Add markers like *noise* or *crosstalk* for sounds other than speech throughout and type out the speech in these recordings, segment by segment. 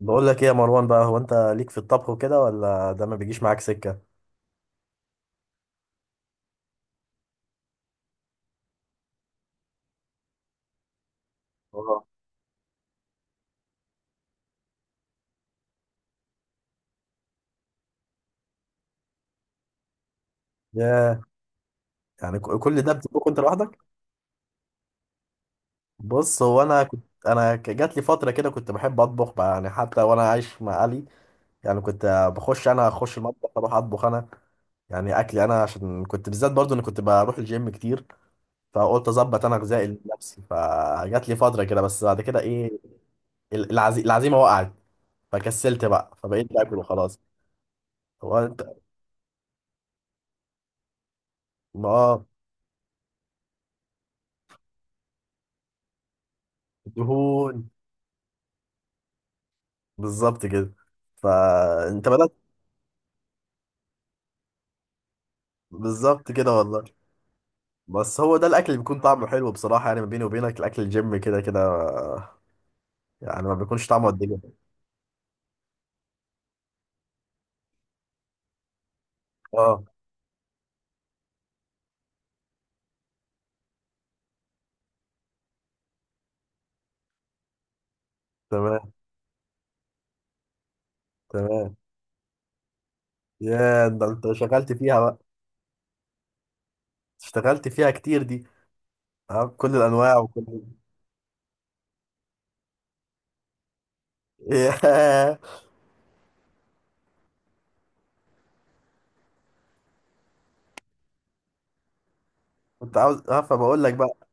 بقول لك ايه يا مروان بقى؟ هو انت ليك في الطبخ وكده، ولا ده ما بيجيش معاك سكه؟ اه. ياه. يعني كل ده بتطبخ انت لوحدك؟ بص، هو انا كنت، جات لي فتره كده كنت بحب اطبخ بقى، يعني حتى وانا عايش مع اهلي. يعني كنت بخش، اخش المطبخ اروح اطبخ انا، يعني اكلي انا، عشان كنت بالذات برضو انا كنت بروح الجيم كتير، فقلت اظبط انا غذائي لنفسي. فجات لي فتره كده، بس بعد كده ايه، العزيمه وقعت فكسلت بقى، فبقيت باكل وخلاص. هو انت. ما دهون. بالظبط كده. فانت بدأت. بالظبط كده والله. بس هو ده الاكل اللي بيكون طعمه حلو بصراحه، يعني ما بيني وبينك الاكل الجيم كده كده، يعني ما بيكونش طعمه قد كده. اه. تمام. تمام. يا ده انت شغلت فيها بقى. اشتغلت فيها كتير دي. اه بكل الانواع وكل. *laughs* ياه. كنت عاوز اه فبقول لك بقى،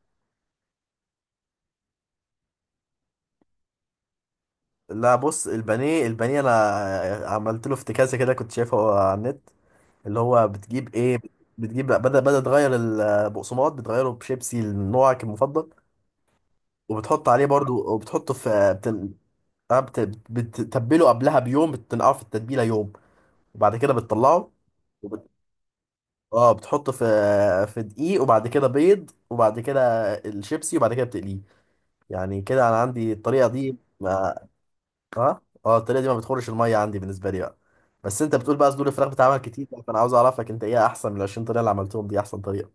لا بص، البانيه، البانيه، انا عملت له افتكاسه كده، كنت شايفها على النت، اللي هو بتجيب ايه، بتجيب بدل، تغير البقسماط، بتغيره بشيبسي نوعك المفضل، وبتحط عليه برضو، وبتحطه في آه، بت... بتتبله قبلها بيوم، بتنقعه في التتبيله يوم، وبعد كده بتطلعه، وبت... اه بتحطه في في دقيق، وبعد كده بيض، وبعد كده الشيبسي، وبعد كده بتقليه. يعني كده انا عندي الطريقه دي ما... اه اه الطريقه دي ما بتخرش الميه عندي بالنسبه لي بقى. بس انت بتقول بقى صدور الفراخ بتعمل كتير، فانا عاوز اعرفك انت ايه احسن من ال 20 طريقه اللي عملتهم دي، احسن طريقه.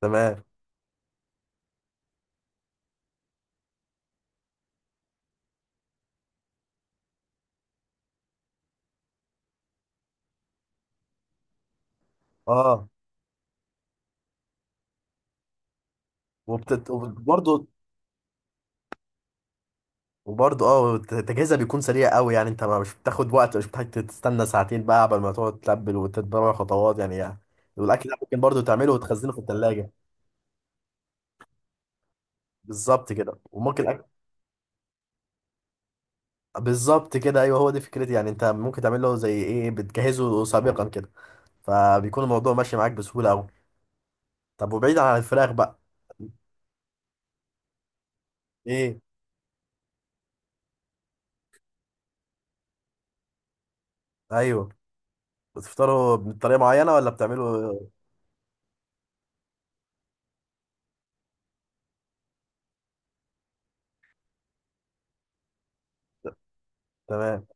تمام. اه. وبرضه، وبرضه اه تجهيزها بيكون سريع قوي، يعني انت مش بتاخد وقت، مش بتحتاج تستنى ساعتين بقى قبل ما تقعد تلبل وتتبع خطوات، يعني والاكل ده ممكن برضه تعمله وتخزنه في الثلاجه. بالظبط كده بالظبط كده، ايوه هو دي فكرتي، يعني انت ممكن تعمل له زي ايه، بتجهزه سابقا كده، فبيكون الموضوع ماشي معاك بسهوله قوي. طب وبعيد عن الفراخ بقى، ايه؟ ايوه، بتفطروا بطريقه معينه ولا بتعملوا؟ تمام.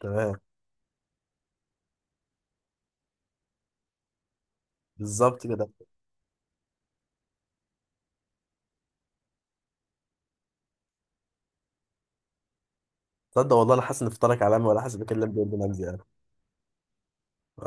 تمام. بالظبط كده. تصدق والله انا حاسس ان افطارك علامه، ولا حاسس بكلم بيقول نمزي يعني. ف...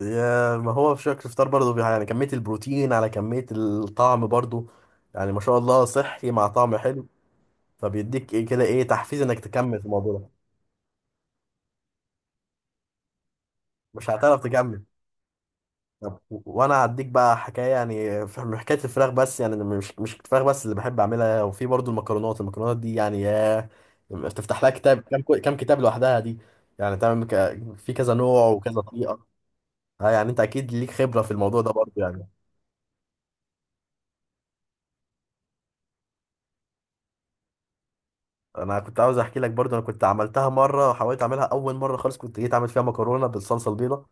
يا ما هو في شكل الفطار برضه، يعني كميه البروتين على كميه الطعم برضه، يعني ما شاء الله صحي مع طعم حلو، فبيديك ايه كده، ايه تحفيز انك تكمل في الموضوع ده. مش هتعرف تكمل. طب وانا هديك بقى حكايه، يعني في من حكايه الفراخ بس، يعني أنا مش الفراخ بس اللي بحب اعملها، وفي برضه المكرونات. المكرونات دي يعني يا، تفتح لها كتاب، كم كتاب لوحدها دي، يعني تعمل في كذا نوع وكذا طريقه. اه يعني انت اكيد ليك خبرة في الموضوع ده برضه يعني. انا كنت عاوز احكي لك برضه، انا كنت عملتها مرة، حاولت اعملها اول مرة خالص، كنت جيت اعمل فيها مكرونة بالصلصة البيضاء.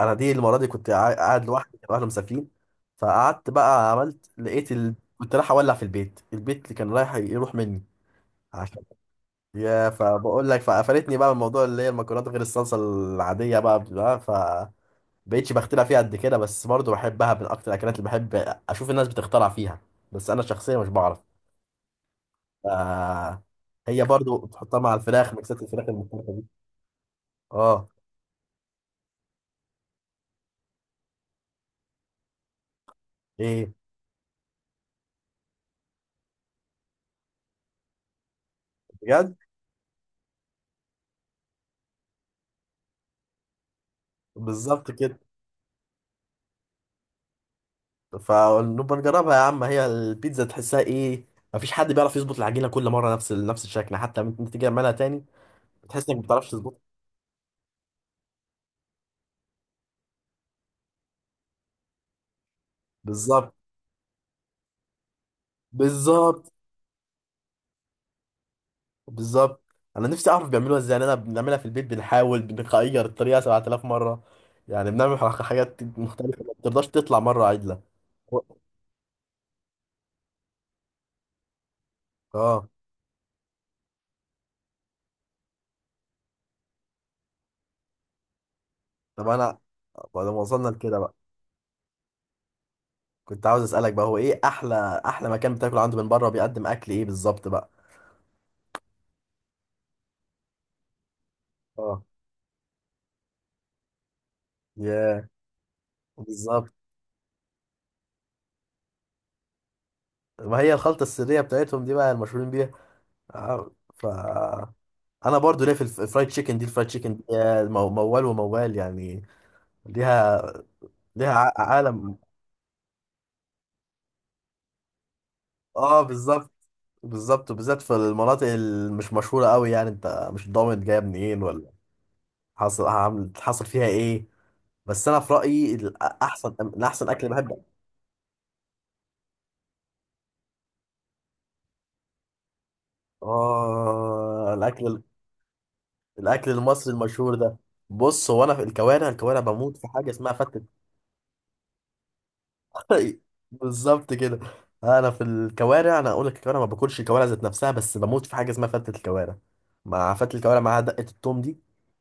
انا دي المرة دي كنت قاعد لوحدي، كانوا اهلي مسافرين، فقعدت بقى عملت لقيت كنت رايح اولع في البيت، البيت اللي كان رايح يروح مني عشان. يا فبقول لك، فقفلتني بقى من موضوع اللي هي المكرونات غير الصلصة العادية بقى، بقى. بقيتش بخترع فيها قد كده، بس برضه بحبها من اكتر الاكلات اللي بحب اشوف الناس بتخترع فيها، بس انا شخصيا مش بعرف. آه. هي برضو بتحطها مع الفراخ، ميكسات الفراخ المختلفة دي. اه. ايه؟ بجد؟ بالظبط كده. فنبقى نجربها يا عم. هي البيتزا تحسها ايه، مفيش حد بيعرف يظبط العجينة كل مرة نفس نفس الشكل. حتى لما تيجي تعملها تاني بتحس انك ما بتعرفش تظبطها. بالظبط. بالظبط. بالظبط انا نفسي اعرف بيعملوها ازاي، لأن انا بنعملها في البيت بنحاول بنغير الطريقة 7000 مرة، يعني بنعمل حاجات مختلفة ما بترضاش تطلع مرة عدلة. اه. طب انا بعد ما وصلنا لكده بقى، كنت عاوز اسالك بقى، هو ايه احلى مكان بتاكل عنده من بره، بيقدم اكل ايه بالظبط بقى؟ اه. ياه. بالظبط. ما هي الخلطه السريه بتاعتهم دي بقى المشهورين بيها. آه، ف انا برضو ليا في الفرايد تشيكن دي، الفرايد تشيكن دي يا موال وموال يعني، ليها، ليها عالم. اه بالظبط. بالظبط، وبالذات في المناطق اللي مش مشهوره قوي، يعني انت مش ضامن جايه منين ولا حصل عامل، حصل فيها ايه. بس انا في رايي، الاحسن، اكل بحب. اه الاكل، الاكل المصري المشهور ده. بص هو انا في الكوارع، الكوارع بموت في حاجه اسمها فتة. *laughs* بالظبط كده. انا في الكوارع، انا اقول لك الكوارع ما باكلش الكوارع ذات نفسها، بس بموت في حاجه اسمها فتة الكوارع، مع فتة الكوارع معاها دقه التوم دي.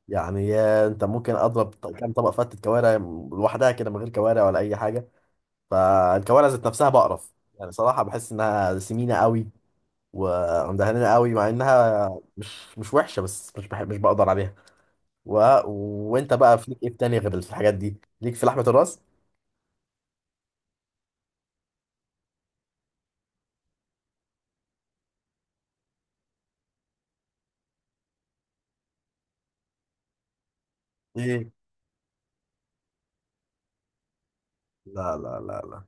يعني يا انت ممكن اضرب كام طبق فتة كوارع لوحدها كده من غير كوارع ولا اي حاجه. فالكوارع ذات نفسها بقرف، يعني صراحه بحس انها سمينه قوي ومدهنه قوي، مع انها مش وحشه، بس مش بحب، مش بقدر عليها و... وانت بقى فيك ايه تاني غير الحاجات دي، ليك في لحمة الراس؟ ايه؟ لا لا لا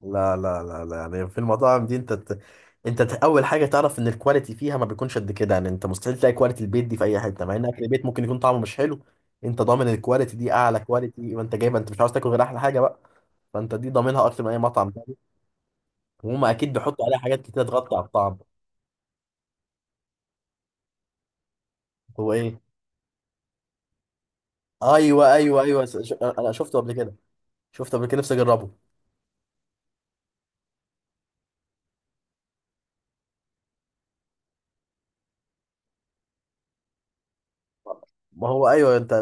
لا لا لا لا لا يعني في المطاعم دي انت ت... اول حاجة تعرف ان الكواليتي فيها ما بيكونش قد كده، يعني انت مستحيل تلاقي كواليتي البيت دي في اي حتة، مع ان اكل البيت ممكن يكون طعمه مش حلو، انت ضامن الكواليتي دي اعلى كواليتي، وانت جايبها انت مش عاوز تاكل غير احلى حاجة بقى. فانت دي ضامنها اكتر من اي مطعم تاني، وهم اكيد بيحطوا عليها حاجات كتير تغطي على الطعم. هو ايه؟ ايوه ايوه ايوه. ش... انا شفته قبل كده، شفته قبل كده نفسي اجربه. ما هو ايوه انت،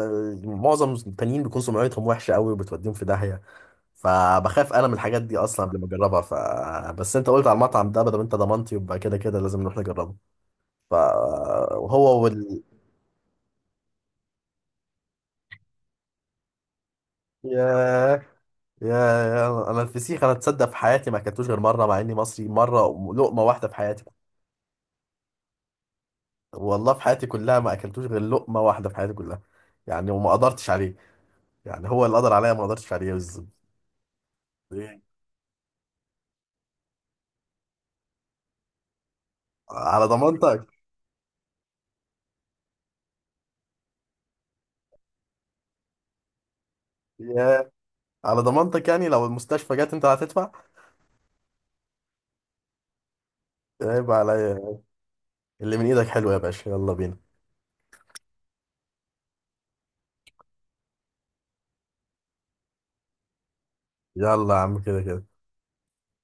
معظم التانيين بيكون سمعتهم وحشه قوي وبتوديهم في داهيه، فبخاف انا من الحاجات دي اصلا قبل ما اجربها. ف بس انت قلت على المطعم ده، بدل انت ضمنتي يبقى كده كده لازم نروح نجربه. ف وهو وال ياه. يا يا، انا الفسيخ انا تصدق في حياتي ما اكلتوش غير مره، مع اني مصري، مره، لقمه واحده في حياتي. والله في حياتي كلها ما اكلتوش غير لقمه واحده في حياتي كلها، يعني وما قدرتش عليه، يعني هو اللي قدر عليا ما قدرتش عليه على ضمانتك. ياه. على ضمانتك يعني؟ لو المستشفى جت انت هتدفع. عيب عليا. اللي من ايدك حلو يا باشا، يلا بينا. يلا يا عم، كده كده.